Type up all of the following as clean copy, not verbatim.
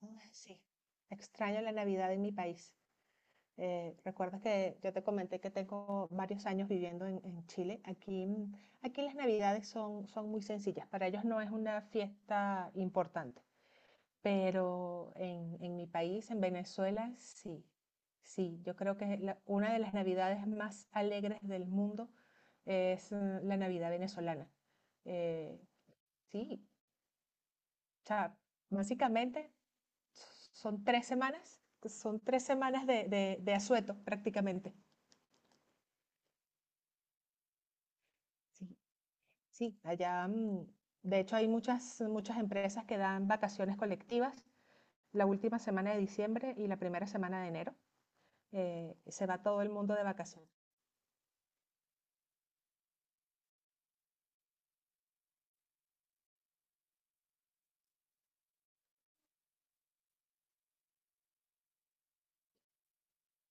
Ay, sí, extraño la Navidad en mi país. Recuerdas que yo te comenté que tengo varios años viviendo en Chile. Aquí, aquí las Navidades son muy sencillas. Para ellos no es una fiesta importante, pero en mi país, en Venezuela, sí. Sí, yo creo que una de las Navidades más alegres del mundo es la Navidad venezolana. Eh, sí, o sea, básicamente son 3 semanas, son 3 semanas de asueto prácticamente. Sí, sí, allá, de hecho hay muchas empresas que dan vacaciones colectivas la última semana de diciembre y la primera semana de enero. Se va todo el mundo de vacaciones.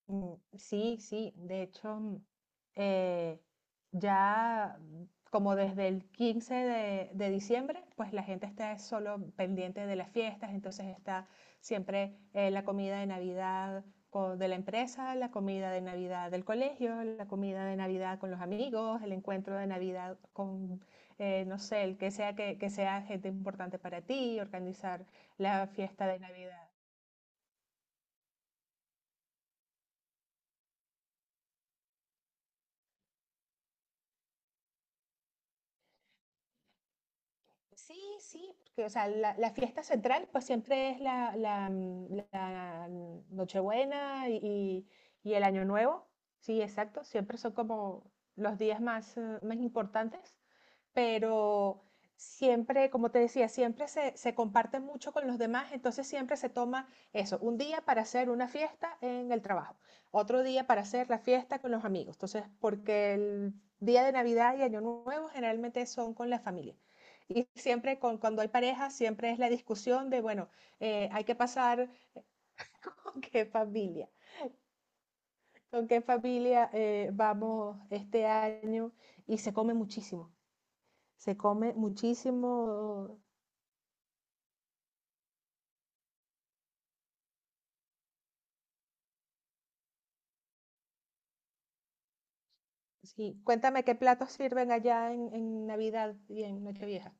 Mm, sí, sí, de hecho, eh, ya mm, como desde el 15 de diciembre, pues la gente está solo pendiente de las fiestas, entonces está siempre la comida de Navidad de la empresa, la comida de Navidad del colegio, la comida de Navidad con los amigos, el encuentro de Navidad con, no sé, el que sea que sea gente importante para ti, organizar la fiesta de Navidad. Sí, sí, porque, o sea, la fiesta central pues siempre es la Nochebuena y el Año Nuevo. Sí, exacto, siempre son como los días más, más importantes pero siempre, como te decía, siempre se comparte mucho con los demás, entonces siempre se toma eso, un día para hacer una fiesta en el trabajo, otro día para hacer la fiesta con los amigos, entonces porque el día de Navidad y Año Nuevo generalmente son con la familia. Y siempre con, cuando hay pareja, siempre es la discusión de, bueno, hay que pasar con qué familia, con qué familia vamos este año. Y se come muchísimo, se come muchísimo. Sí, cuéntame qué platos sirven allá en Navidad y en Nochevieja.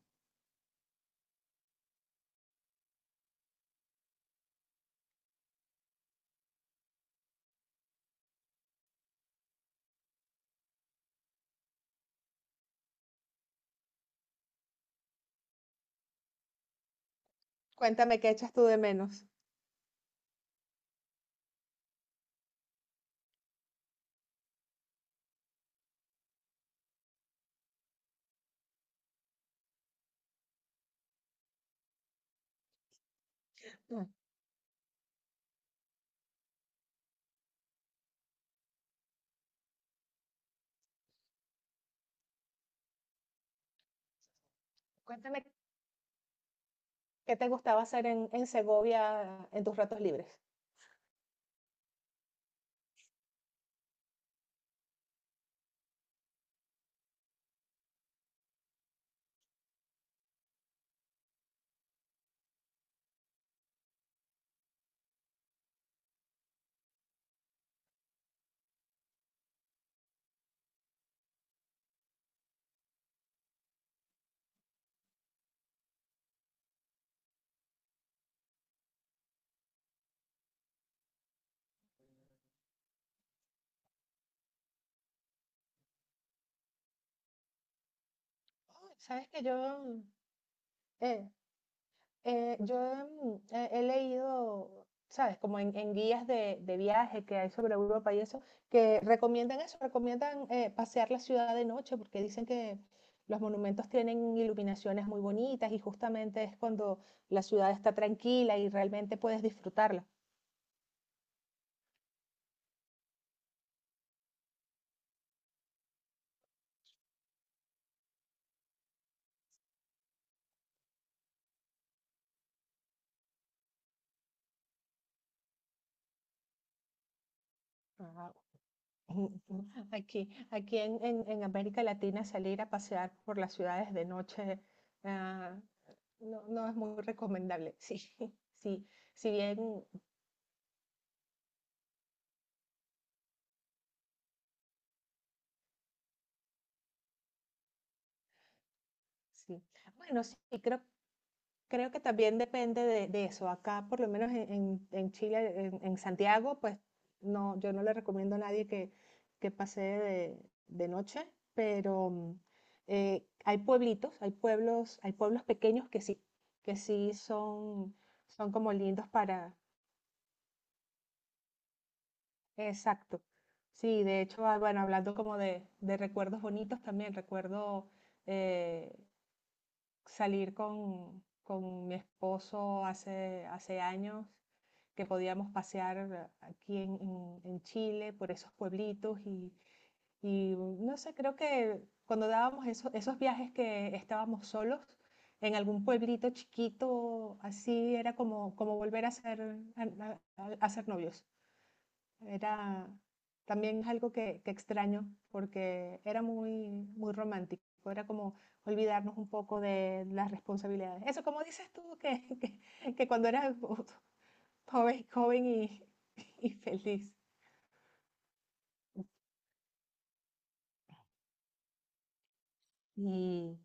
Cuéntame qué echas tú de menos. Mm, cuéntame qué te gustaba hacer en Segovia en tus ratos libres. Oh, eh, yo he leído, ¿sabes? Como en guías de viaje que hay sobre Europa y eso, que recomiendan eso, recomiendan pasear la ciudad de noche porque dicen que los monumentos tienen iluminaciones muy bonitas y justamente es cuando la ciudad está tranquila y realmente puedes disfrutarla. Ah, Aquí en, en América Latina salir a pasear por las ciudades de noche ah, no, no es muy recomendable. Sí, sí. Si bien sí, bueno, sí, creo, creo que también depende de eso. Acá, por lo menos en, en Chile, en Santiago, pues no, yo no le recomiendo a nadie que, que pase de noche, pero hay pueblitos, hay pueblos pequeños que sí son, son como lindos para, exacto. Sí, de hecho, ah, bueno, hablando como de recuerdos bonitos también, recuerdo eh, salir con mi esposo hace, hace años, que podíamos pasear aquí en, en Chile por esos pueblitos y, no sé, creo que cuando dábamos esos viajes que estábamos solos en algún pueblito chiquito, así era como, como volver a ser, a- a ser novios. Era también es algo que extraño porque era muy, muy romántico. Era como olvidarnos un poco de las responsabilidades. Eso, como dices tú, que, que cuando eras joven y, y feliz. Y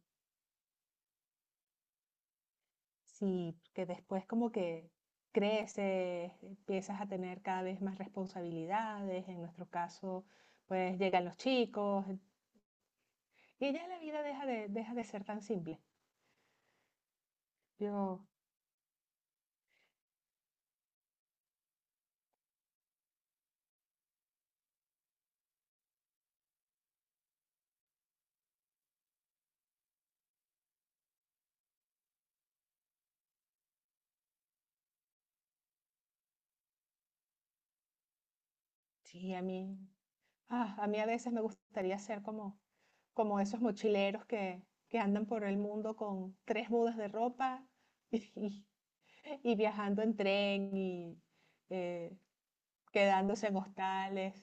sí, que después como que creces, empiezas a tener cada vez más responsabilidades. En nuestro caso, pues llegan los chicos y ya la vida deja de ser tan simple. Yo, sí, a mí. Ah, a mí a veces me gustaría ser como, como esos mochileros que andan por el mundo con tres mudas de ropa y, y viajando en tren y eh, quedándose en hostales.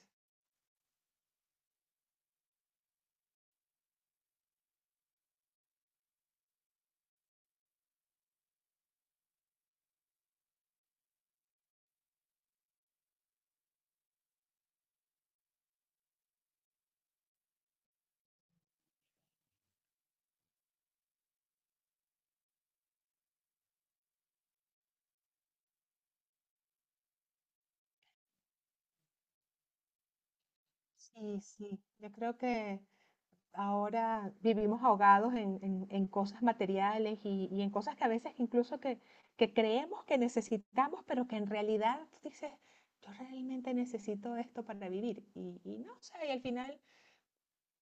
Sí, sí, yo creo que ahora vivimos ahogados en, en cosas materiales y en cosas que a veces incluso que creemos que necesitamos, pero que en realidad dices, yo realmente necesito esto para vivir. Y no sé, y al final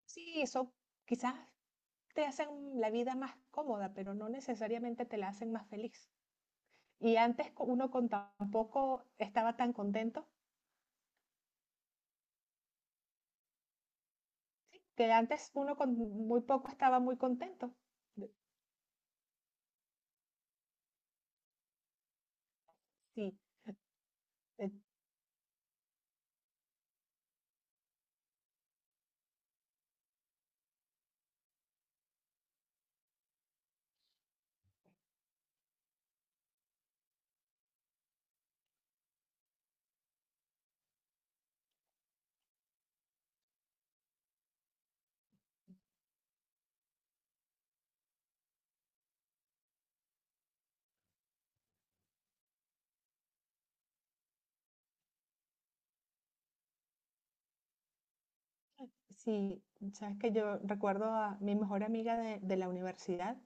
sí, eso quizás te hacen la vida más cómoda, pero no necesariamente te la hacen más feliz. Y antes uno con tampoco estaba tan contento, ¿sí? Que antes uno con muy poco estaba muy contento. De- sí, sí, sabes que yo recuerdo a mi mejor amiga de la universidad.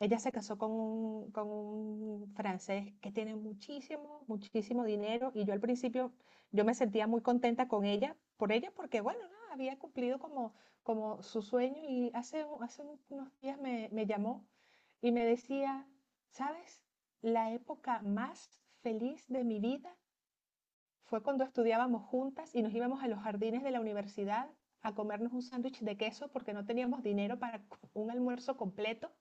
Ella se casó con un francés que tiene muchísimo, muchísimo dinero y yo al principio yo me sentía muy contenta con ella, por ella, porque bueno, nada, había cumplido como, como su sueño y hace, hace unos días me, me llamó y me decía, ¿sabes? La época más feliz de mi vida fue cuando estudiábamos juntas y nos íbamos a los jardines de la universidad a comernos un sándwich de queso porque no teníamos dinero para un almuerzo completo.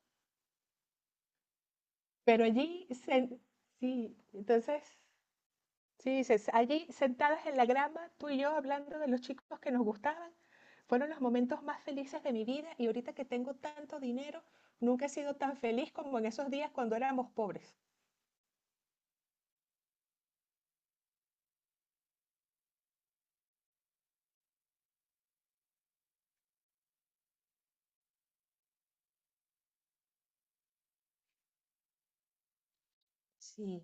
Pero allí, sí, entonces, sí, allí sentadas en la grama, tú y yo hablando de los chicos que nos gustaban, fueron los momentos más felices de mi vida y ahorita que tengo tanto dinero, nunca he sido tan feliz como en esos días cuando éramos pobres. Sí,